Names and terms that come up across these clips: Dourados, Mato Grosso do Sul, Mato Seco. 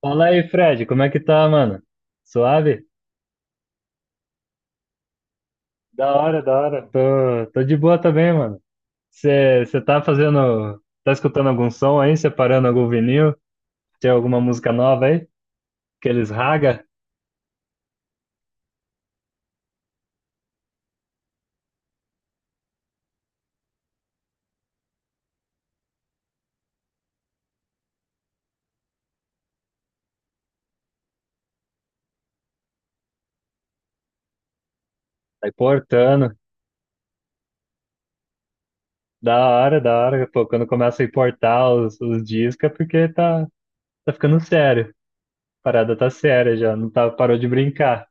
Fala aí, Fred, como é que tá, mano? Suave? Da hora, da hora. Tô de boa também, mano. Você tá fazendo. Tá escutando algum som aí? Separando algum vinil? Tem alguma música nova aí? Aqueles raga? Tá importando. Da hora, da hora. Pô, quando começa a importar os discos é porque tá ficando sério. A parada tá séria já, não tá, parou de brincar.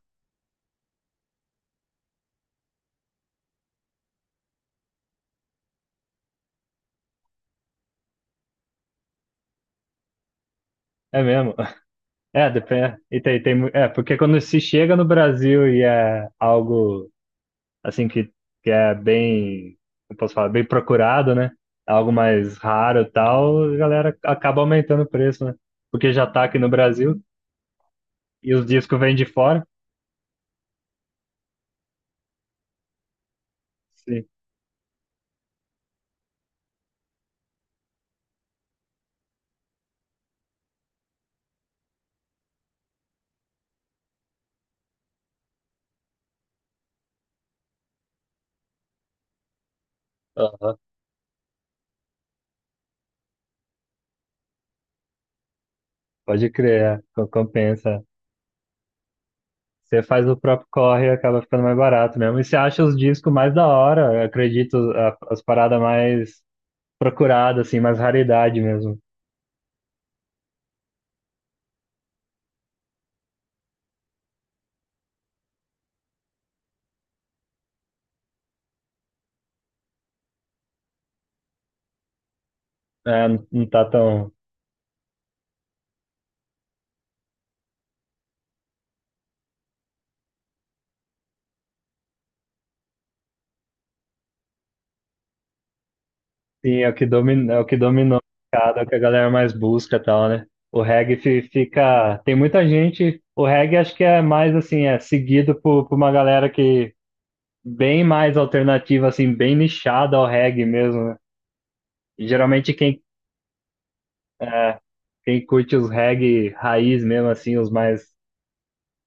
É mesmo? É, depende. E tem, porque quando se chega no Brasil e é algo. Assim, que é bem, eu posso falar, bem procurado, né? Algo mais raro e tal, a galera acaba aumentando o preço, né? Porque já tá aqui no Brasil e os discos vêm de fora. Sim. Aham. Pode crer, é. Compensa. Você faz o próprio corre e acaba ficando mais barato mesmo. E você acha os discos mais da hora, eu acredito, as paradas mais procuradas, assim, mais raridade mesmo. É, não tá tão. Sim, é o que domina, é o que dominou o mercado, é o que a galera mais busca e tal, né? O reggae fica. Tem muita gente. O reggae acho que é mais assim, é seguido por uma galera que bem mais alternativa, assim, bem nichada ao reggae mesmo, né? E geralmente é, quem curte os reggae raiz mesmo, assim, os mais.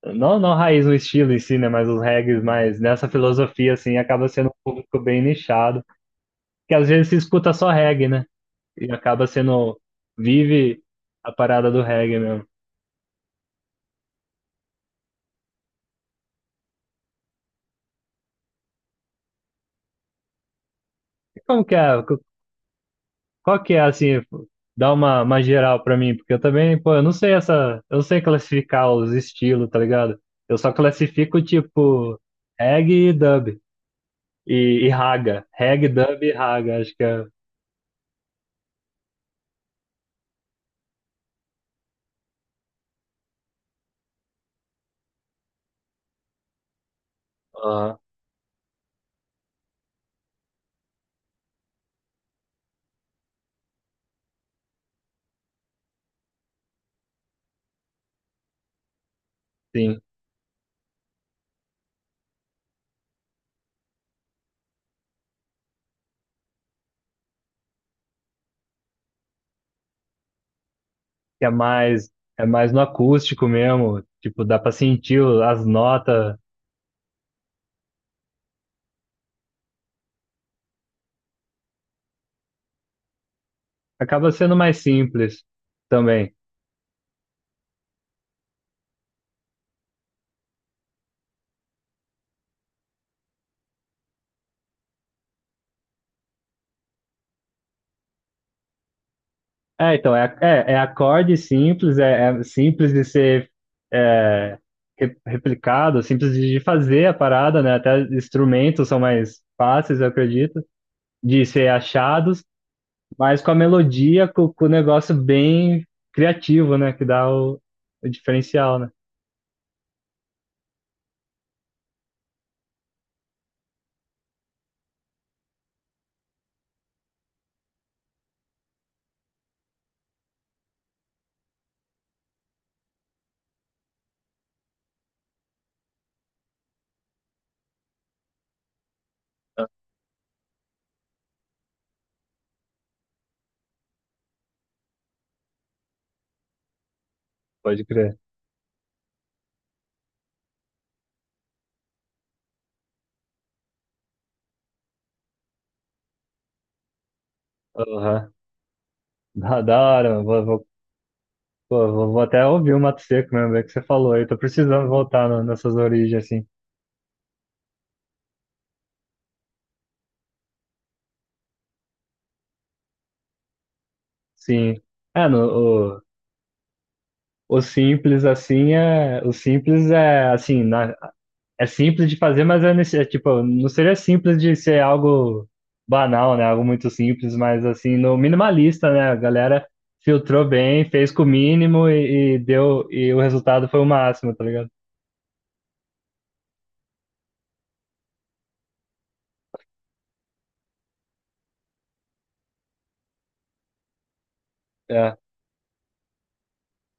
Não, não raiz o estilo em si, né? Mas os reggae mais nessa filosofia, assim, acaba sendo um público bem nichado. Que às vezes se escuta só reggae, né? E acaba sendo, vive a parada do reggae mesmo. E como que é? Qual que é, assim, dá uma geral pra mim, porque eu também, pô, eu não sei essa, eu não sei classificar os estilos, tá ligado? Eu só classifico, tipo, reggae e dub, e raga, reggae, dub e raga, acho que é, ah, sim, que é mais no acústico mesmo, tipo, dá pra sentir as notas, acaba sendo mais simples também. É, então, é acorde simples, é simples de ser é, replicado, simples de fazer a parada, né? Até instrumentos são mais fáceis, eu acredito, de ser achados, mas com a melodia, com o negócio bem criativo, né? Que dá o diferencial, né? Pode crer. Aham. Da hora, mano. Vou até ouvir o Mato Seco mesmo, é que você falou aí, tô precisando voltar nessas origens, assim. Sim. É, no, o- O simples assim é, o simples é assim, na- é simples de fazer, mas é, não seria simples de ser algo banal, né? Algo muito simples, mas assim, no minimalista, né? A galera filtrou bem, fez com o mínimo e deu e o resultado foi o máximo, tá ligado? É,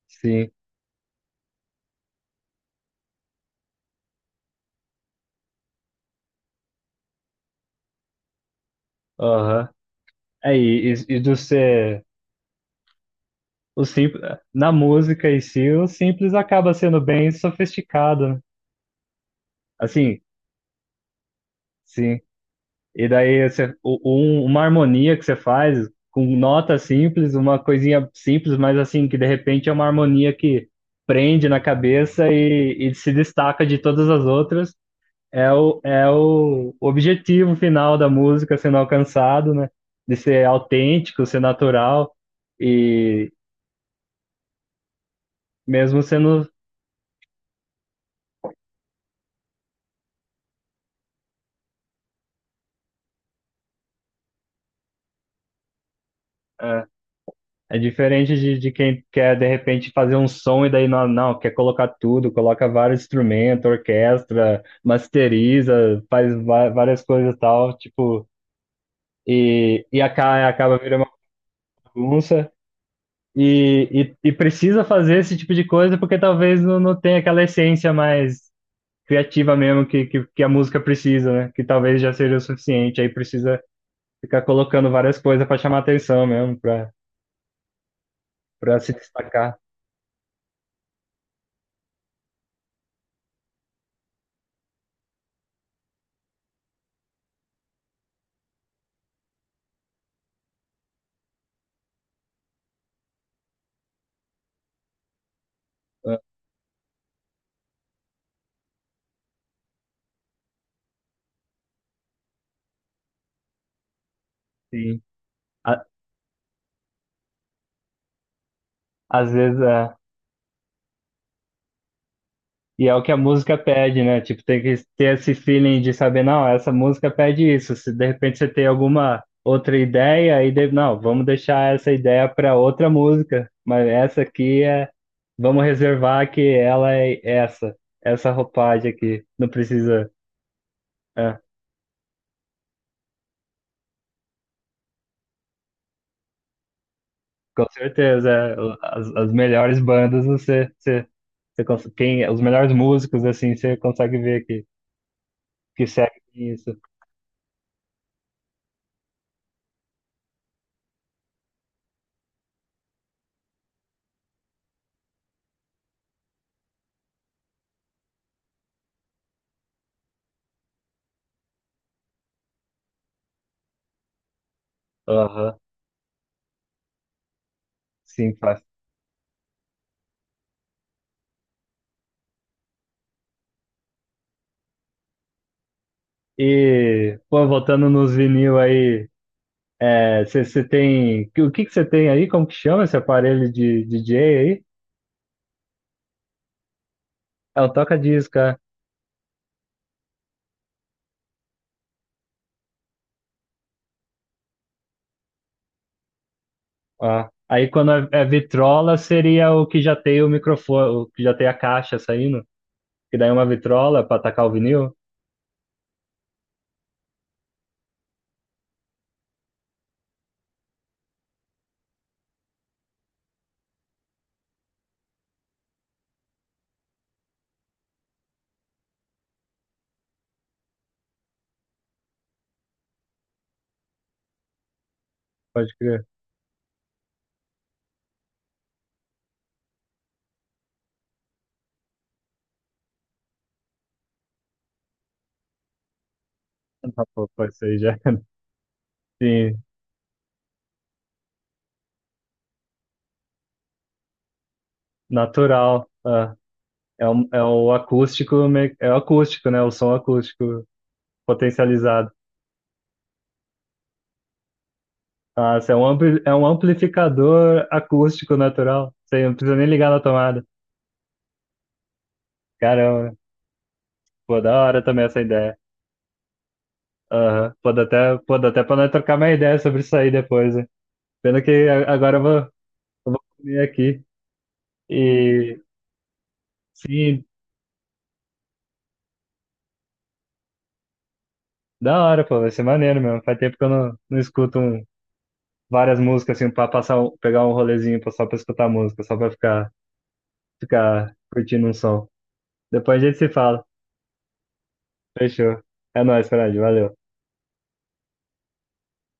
sim. Aham. Aí, e do ser o simples, na música em si, o simples acaba sendo bem sofisticado, né? Assim, sim. E daí você, uma harmonia que você faz com nota simples, uma coisinha simples, mas assim, que de repente é uma harmonia que prende na cabeça e se destaca de todas as outras, é o objetivo final da música sendo alcançado, né? De ser autêntico, ser natural e mesmo sendo. É, É diferente de quem quer, de repente, fazer um som e daí não quer colocar tudo, coloca vários instrumentos, orquestra, masteriza, faz várias coisas e tal, tipo, acaba virando uma bagunça. E, e precisa fazer esse tipo de coisa porque talvez não tenha aquela essência mais criativa mesmo que a música precisa, né? Que talvez já seja o suficiente. Aí precisa ficar colocando várias coisas para chamar atenção mesmo, para se destacar. Assim. Às vezes é. E é o que a música pede, né? Tipo, tem que ter esse feeling de saber, não, essa música pede isso. Se de repente você tem alguma outra ideia, aí deve, não, vamos deixar essa ideia para outra música, mas essa aqui é, vamos reservar que ela é essa, essa roupagem aqui. Não precisa. É, com certeza, é, as melhores bandas você, os melhores músicos assim, você consegue ver que segue isso. Aham. Sim, e, pô, voltando nos vinil aí, você tem. O que que você tem aí? Como que chama esse aparelho de DJ aí? É o toca-disco, é. Ó. Aí quando é, é vitrola, seria o que já tem o microfone, o que já tem a caixa saindo, que daí é uma vitrola para atacar o vinil. Pode crer. Ah, pô, isso aí já. Sim, natural. Ah. É, o, é o acústico, é o acústico, né? O som acústico potencializado. Nossa, é um é um amplificador acústico natural. Você não precisa nem ligar na tomada. Caramba, pô, da hora também essa ideia. Aham, pode até, pode até pra nós trocar uma ideia sobre isso aí depois, hein? Pena que agora eu vou comer aqui. E sim, da hora, pô, vai ser maneiro mesmo. Faz tempo que eu não escuto várias músicas assim pra passar, pegar um rolezinho só pra escutar música, só pra ficar curtindo um som. Depois a gente se fala. Fechou. É nóis, Fred, valeu.